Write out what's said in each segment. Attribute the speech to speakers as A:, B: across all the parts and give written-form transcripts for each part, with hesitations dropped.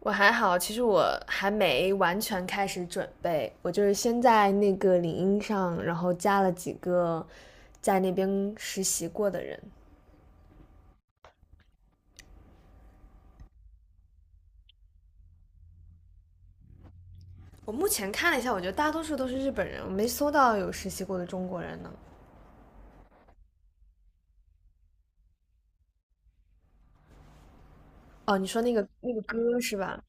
A: 我还好，其实我还没完全开始准备，我就是先在那个领英上，然后加了几个在那边实习过的人。我目前看了一下，我觉得大多数都是日本人，我没搜到有实习过的中国人呢。哦，你说那个歌是吧？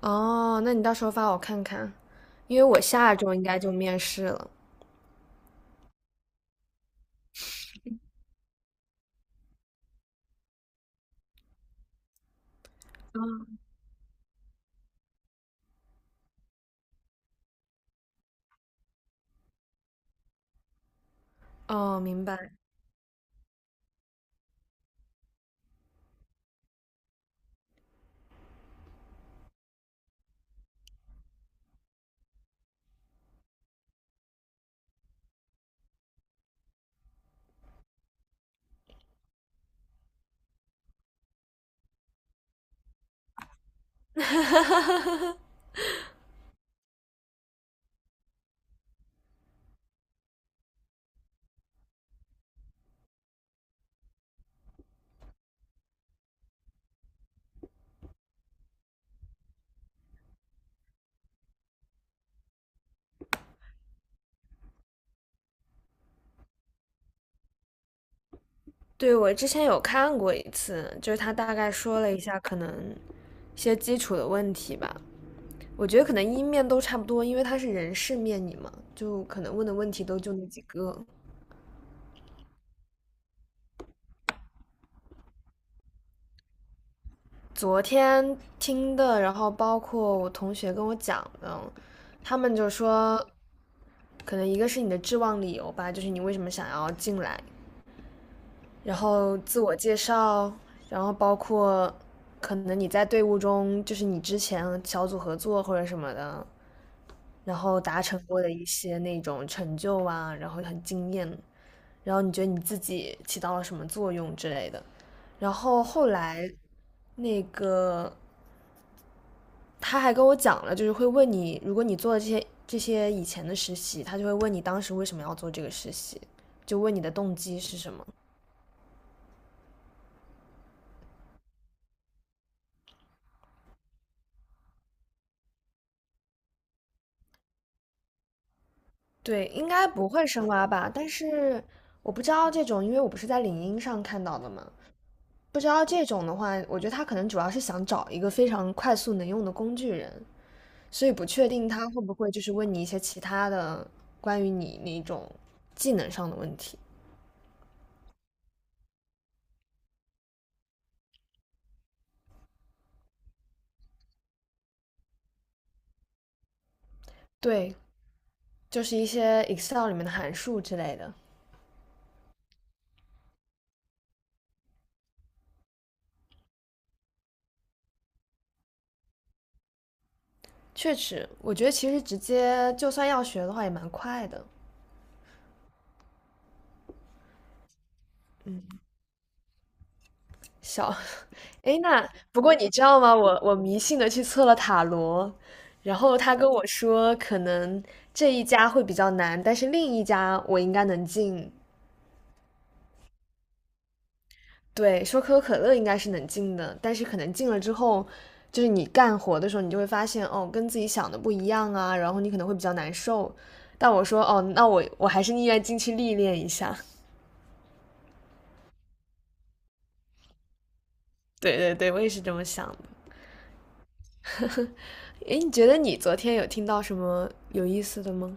A: 哦，那你到时候发我看看，因为我下周应该就面试了。哦，明白。对，我之前有看过一次，就是他大概说了一下可能一些基础的问题吧。我觉得可能一面都差不多，因为他是人事面你嘛，就可能问的问题都就那几个。昨天听的，然后包括我同学跟我讲的，他们就说，可能一个是你的志望理由吧，就是你为什么想要进来，然后自我介绍，然后包括可能你在队伍中，就是你之前小组合作或者什么的，然后达成过的一些那种成就啊，然后很惊艳，然后你觉得你自己起到了什么作用之类的。然后后来，那个他还跟我讲了，就是会问你，如果你做了这些以前的实习，他就会问你当时为什么要做这个实习，就问你的动机是什么。对，应该不会深挖吧？但是我不知道这种，因为我不是在领英上看到的嘛，不知道这种的话，我觉得他可能主要是想找一个非常快速能用的工具人，所以不确定他会不会就是问你一些其他的关于你那种技能上的问题。对，就是一些 Excel 里面的函数之类的。确实，我觉得其实直接就算要学的话也蛮快的。小，诶，那不过你知道吗？我迷信的去测了塔罗，然后他跟我说可能这一家会比较难，但是另一家我应该能进。对，说可口可乐应该是能进的，但是可能进了之后，就是你干活的时候，你就会发现哦，跟自己想的不一样啊，然后你可能会比较难受。但我说哦，那我还是宁愿进去历练一下。对对对，我也是这么想的。诶，你觉得你昨天有听到什么有意思的吗？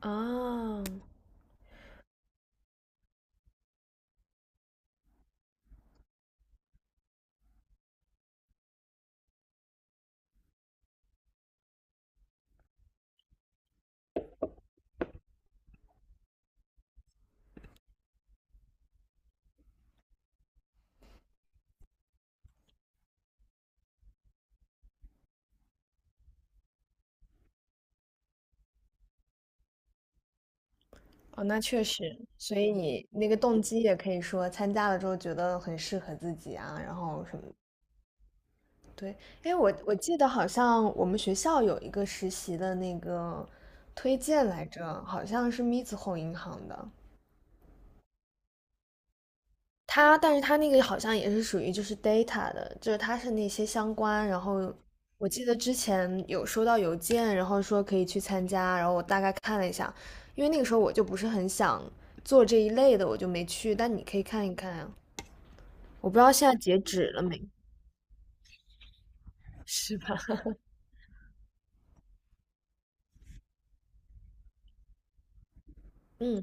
A: 啊，哦，那确实，所以你那个动机也可以说参加了之后觉得很适合自己啊，然后什么对，哎，我记得好像我们学校有一个实习的那个推荐来着，好像是 Mizuho 银行的。它，但是它那个好像也是属于就是 data 的，就是它是那些相关。然后我记得之前有收到邮件，然后说可以去参加，然后我大概看了一下，因为那个时候我就不是很想做这一类的，我就没去。但你可以看一看啊，我不知道现在截止了没，是吧？嗯。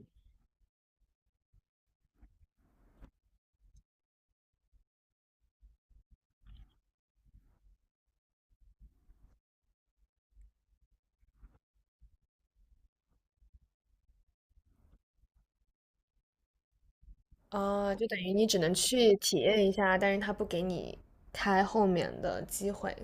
A: 哦，就等于你只能去体验一下，但是他不给你开后面的机会。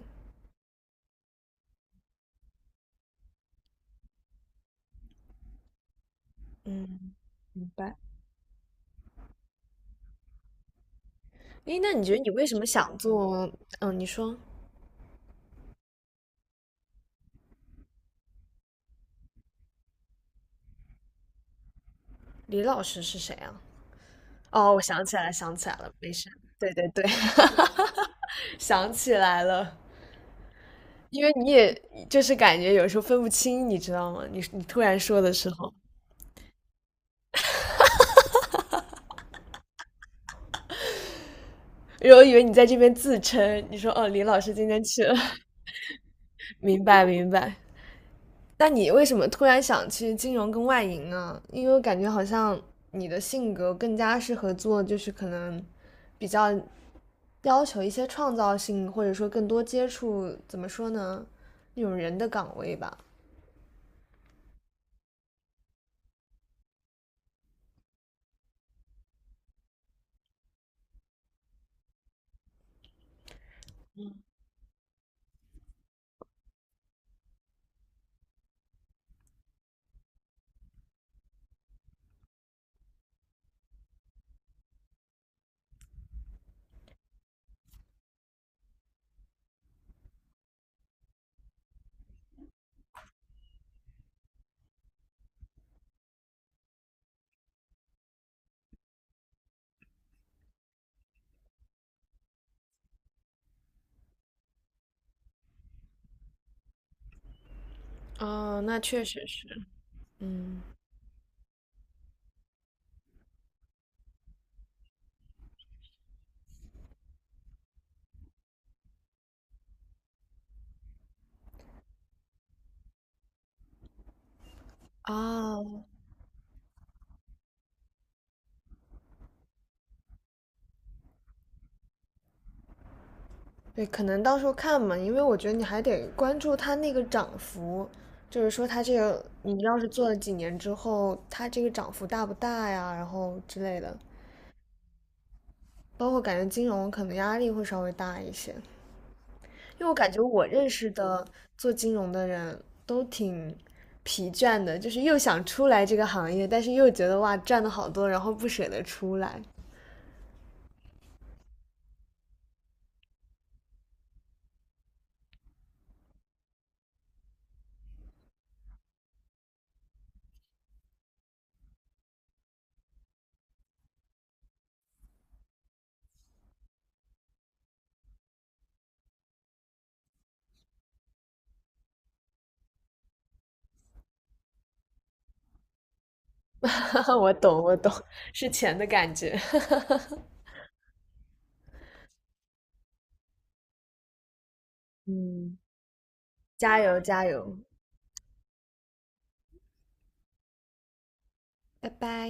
A: 嗯，明白。诶，那你觉得你为什么想做？嗯，你说李老师是谁啊？哦，我想起来了，想起来了，没事。对对对，想起来了，因为你也就是感觉有时候分不清，你知道吗？你突然说的时候，因为我以为你在这边自称，你说哦，李老师今天去了，明白明白。那你为什么突然想去金融跟外营呢？因为我感觉好像你的性格更加适合做，就是可能比较要求一些创造性，或者说更多接触，怎么说呢，那种人的岗位吧。哦，那确实是，嗯，哦，对，可能到时候看嘛，因为我觉得你还得关注它那个涨幅，就是说它这个你要是做了几年之后，它这个涨幅大不大呀，然后之类的。包括感觉金融可能压力会稍微大一些，因为我感觉我认识的做金融的人都挺疲倦的，就是又想出来这个行业，但是又觉得哇赚的好多，然后不舍得出来。我懂，我懂，是钱的感觉。嗯，加油，加油，拜拜。